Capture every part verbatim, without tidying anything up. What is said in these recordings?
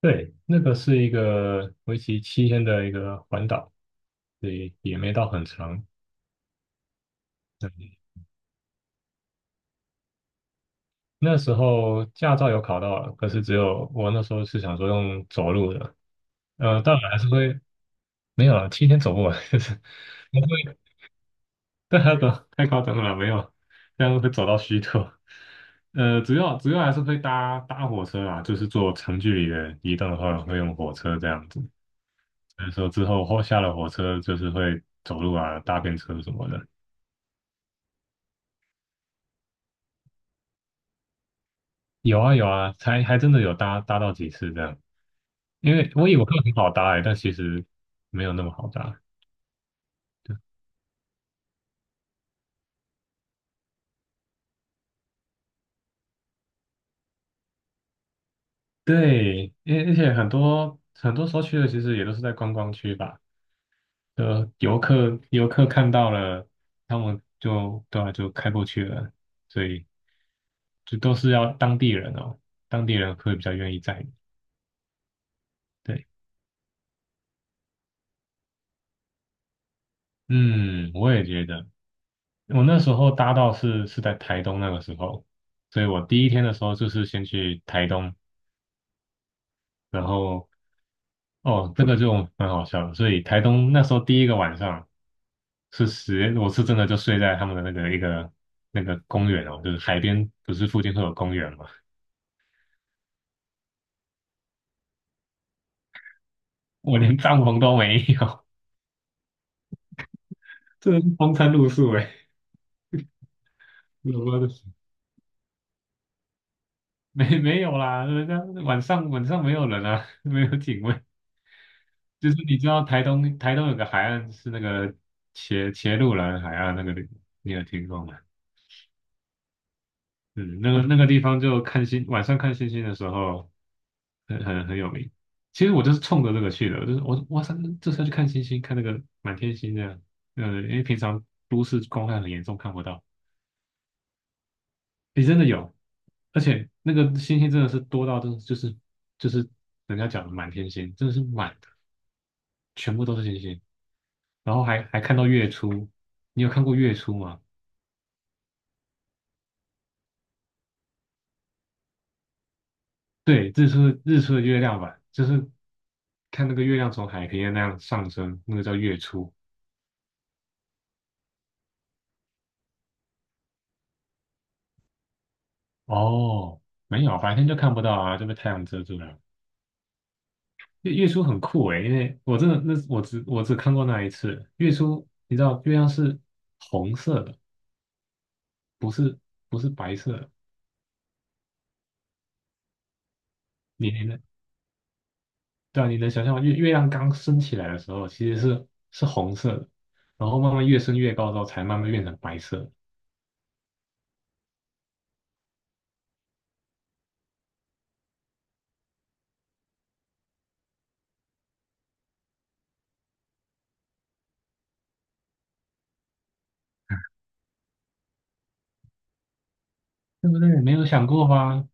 对，那个是一个为期七天的一个环岛，所以也没到很长。嗯那时候驾照有考到了，可是只有我那时候是想说用走路的，呃，当然还是会没有了，七天走不完，就是不会，但他走太夸张了，没有，这样会走到虚脱。呃，主要主要还是会搭搭火车啦，就是坐长距离的移动的话，会用火车这样子。所以说之后后下了火车，就是会走路啊，搭便车什么的。有啊有啊，才还真的有搭搭到几次这样。因为我以为会很好搭欸，但其实没有那么好搭。对，因而且很多很多时候去的其实也都是在观光区吧，呃，游客游客看到了，他们就对啊就开过去了，所以就都是要当地人哦，当地人会比较愿意载你。对，嗯，我也觉得，我那时候搭到是是在台东那个时候，所以我第一天的时候就是先去台东然后哦，这个就很好笑的。所以台东那时候第一个晚上是十，我是真的就睡在他们的那个一个那个公园哦，就是海边，不是附近会有公园嘛？我连帐篷都没有，这是风餐露宿哎，有吗？没没有啦，人家晚上晚上没有人啊，没有警卫。就是你知道台东台东有个海岸是那个茄茄鹿兰海岸那个地，你有听过吗？嗯，那个那个地方就看星，晚上看星星的时候很很很有名。其实我就是冲着这个去的，我就是我哇塞，这是要去看星星，看那个满天星这样。嗯，因为平常都市光害很严重，看不到。诶，真的有，而且那个星星真的是多到真的就是就是人家讲的满天星，真的是满的，全部都是星星。然后还还看到月初，你有看过月初吗？对，日出日出的月亮吧，就是看那个月亮从海平面那样上升，那个叫月出。哦，没有，白天就看不到啊，就被太阳遮住了。月月出很酷诶，因为我真的那我只我只看过那一次月出，你知道月亮是红色的，不是不是白色的。你你能对啊，你能想象吗？月月亮刚升起来的时候，其实是是红色的，然后慢慢越升越高之后，才慢慢变成白色对不对？没有想过吗？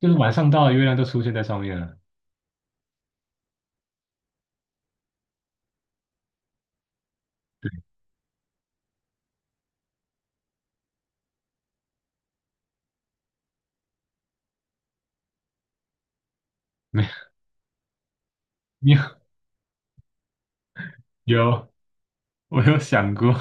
就是晚上到了，月亮就出现在上面了。你有，有，我有想过，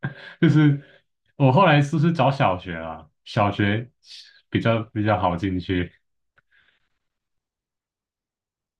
就是我后来是不是找小学啊？小学比较比较好进去。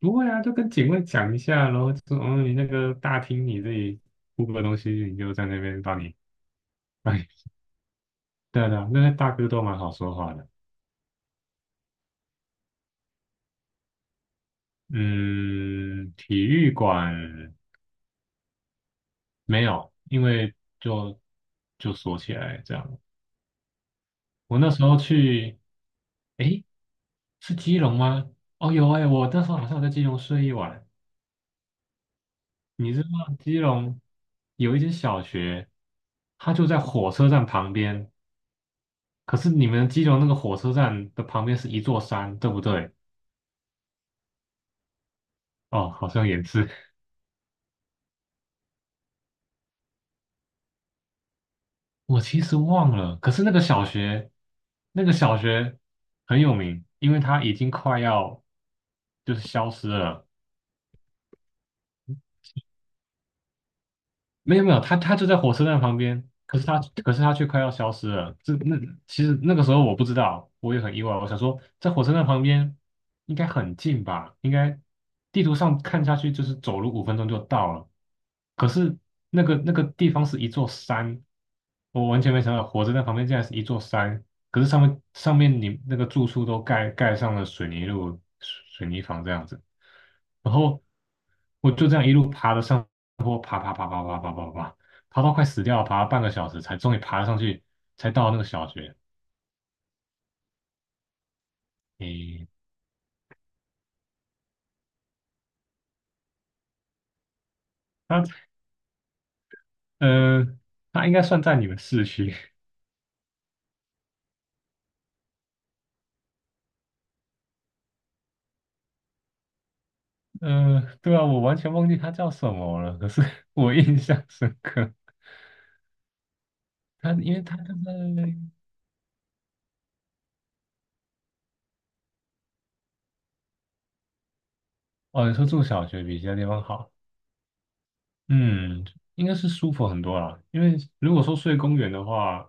不会啊，就跟警卫讲一下，然后就说，嗯，你那个大厅你这里铺个东西，你就在那边帮你。哎，对啊对啊，那些大哥都蛮好说话的。嗯，体育馆没有，因为就就锁起来这样。我那时候去，诶，是基隆吗？哦，有诶，我那时候好像有在基隆睡一晚。你知道基隆有一间小学，它就在火车站旁边，可是你们基隆那个火车站的旁边是一座山，对不对？哦，好像也是。我其实忘了，可是那个小学，那个小学很有名，因为它已经快要就是消失了。没有没有，他他就在火车站旁边，可是他可是他却快要消失了。这那其实那个时候我不知道，我也很意外。我想说，在火车站旁边应该很近吧？应该地图上看下去就是走路五分钟就到了。可是那个那个地方是一座山，我完全没想到火车站旁边竟然是一座山。可是上面上面你那个住处都盖盖上了水泥路、水泥房这样子，然后我就这样一路爬的上。然后爬爬爬爬爬爬爬爬，爬到快死掉了，爬了半个小时才终于爬上去，才到那个小学。诶，他呃，他应该算在你们市区。呃，对啊，我完全忘记他叫什么了，可是 我印象深刻。他因为他就在哦，你说住小学比其他地方好，嗯，应该是舒服很多啦。因为如果说睡公园的话，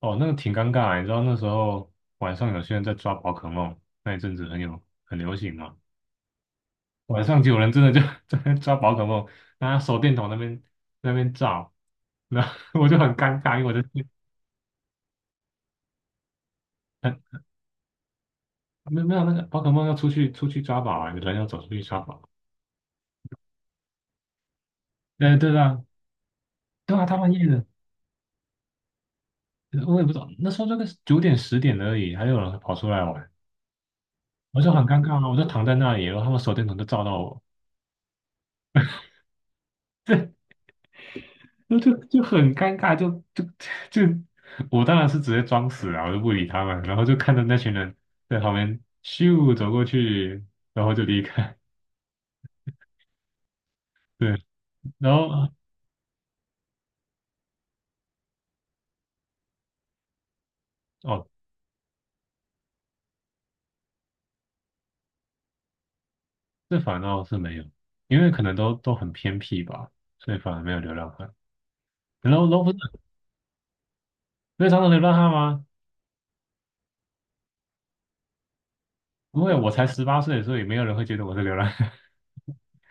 哦，那个挺尴尬的你知道那时候晚上有些人在抓宝可梦，那一阵子很有很流行嘛。晚上就有人真的就 在那抓宝可梦，拿手电筒那边那边照，然后 我就很尴尬，因为我就是很没有没有那个宝可梦要出去出去抓宝啊，有人要走出去抓宝，对对啊对啊，大半夜的，我也不知道那时候这个九点十点而已，还有人跑出来玩，我就很尴尬啊，我就躺在那里，然后他们手电筒就照到我，就就就很尴尬，就就就，我当然是直接装死啊，我就不理他们，然后就看着那群人在旁边咻走过去，然后就离开。对，然后哦，这反倒是没有，因为可能都都很偏僻吧，所以反而没有流浪汉。然后，然后不是非常的流浪汉吗？因为我才十八岁，所以没有人会觉得我是流浪汉。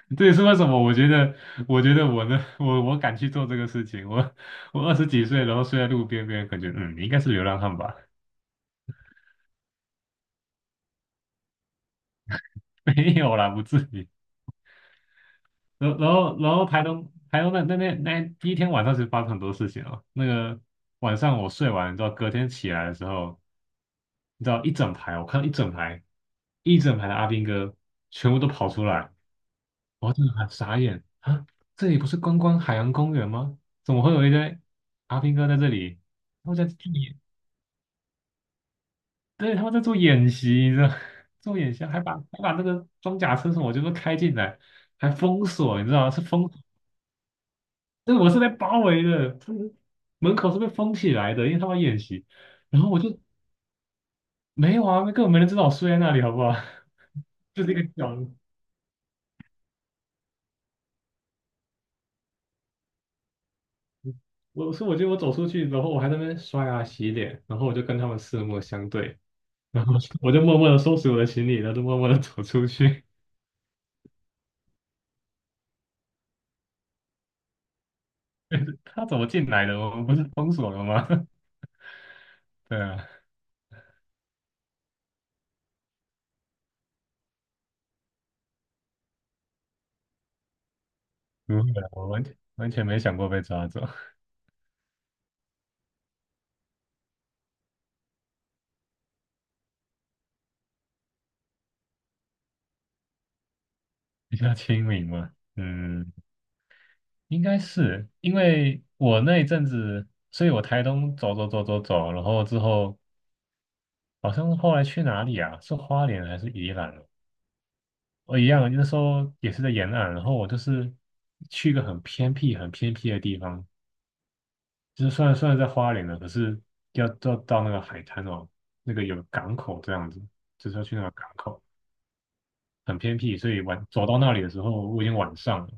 这也是为什么我觉得，我觉得我呢，我我敢去做这个事情。我我二十几岁，然后睡在路边，边，感觉嗯，你应该是流浪汉吧。没有啦，不至于。然后然后然后台东台东那那那那第一天晚上其实发生很多事情哦。那个晚上我睡完之后，你知道隔天起来的时候，你知道一整排，我看到一整排一整排的阿兵哥全部都跑出来，我真的很傻眼啊！这里不是观光海洋公园吗？怎么会有一堆阿兵哥在这里？他们在做演对，他们在做演习，你知道，做演习还把还把那个装甲车什么就是开进来。还封锁，你知道吗？是封就是我是被包围的，就是门口是被封起来的，因为他们演习。然后我就没有啊，根本没人知道我睡在那里，好不好？就是一个角落。我说，我觉得我走出去，然后我还在那边刷牙洗脸，然后我就跟他们四目相对，然后 我就默默的收拾我的行李，然后就默默的走出去。他怎么进来的？我们不是封锁了吗？对啊，不会啊，我完全完全没想过被抓走，比较亲民嘛。嗯，应该是因为我那一阵子，所以我台东走走走走走，然后之后好像是后来去哪里啊？是花莲还是宜兰啊哦？我一样，那时候也是在沿岸，然后我就是去一个很偏僻、很偏僻的地方，就是虽然虽然在花莲了，可是要到到那个海滩哦，那个有港口这样子，就是要去那个港口，很偏僻，所以晚走到那里的时候，我已经晚上了，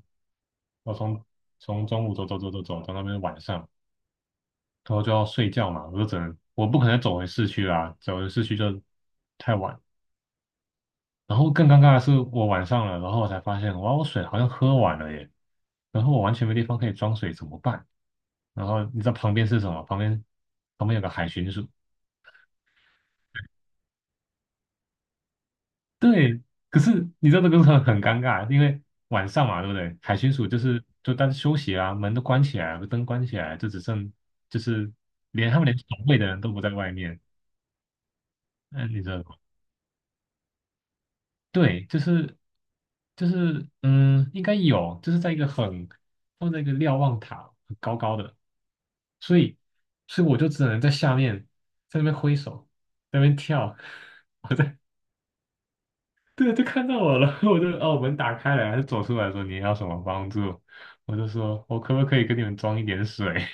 我从从中午走走走走走到那边晚上。然后就要睡觉嘛，我就只能我不可能走回市区啦，走回市区就太晚。然后更尴尬的是，我晚上了，然后我才发现，哇，我水好像喝完了耶，然后我完全没地方可以装水，怎么办？然后你知道旁边是什么？旁边旁边有个海巡署，对。可是你知道这个很很尴尬，因为晚上嘛，对不对？海巡署就是就大家休息啊，门都关起来了，灯关起来，就只剩就是连他们连守卫的人都不在外面。嗯，你知道。对，就是就是嗯，应该有，就是在一个很放在一个瞭望塔很高高的，所以所以我就只能在下面在那边挥手，在那边跳，我在对啊，就看到我了，我就哦门打开了，他就走出来说你要什么帮助，我就说我可不可以给你们装一点水，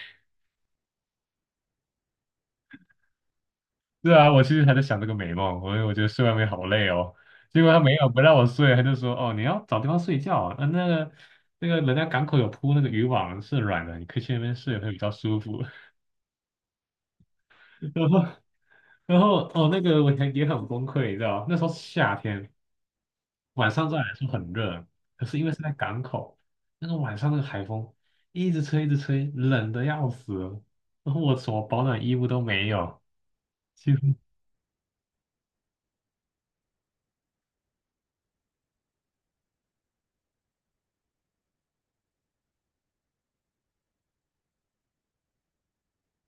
是啊，我其实还在想这个美梦，我我觉得睡外面好累哦。结果他没有不让我睡，他就说：“哦，你要找地方睡觉。呃，那个那个人家港口有铺那个渔网，是软的，你可以去那边睡，会比较舒服。然后然后哦，那个我也也很崩溃，你知道，那时候是夏天，晚上虽然说很热，可是因为是在港口，那个晚上那个海风一直吹一直吹，冷的要死了然后我什么保暖衣物都没有，几乎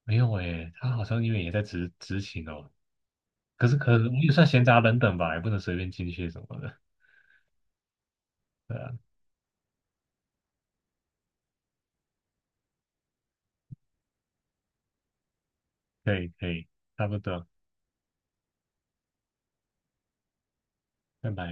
没有诶，他好像因为也在执执勤哦，可是可我也算闲杂人等吧，也不能随便进去什么的。对啊，可以可以，差不多，拜拜。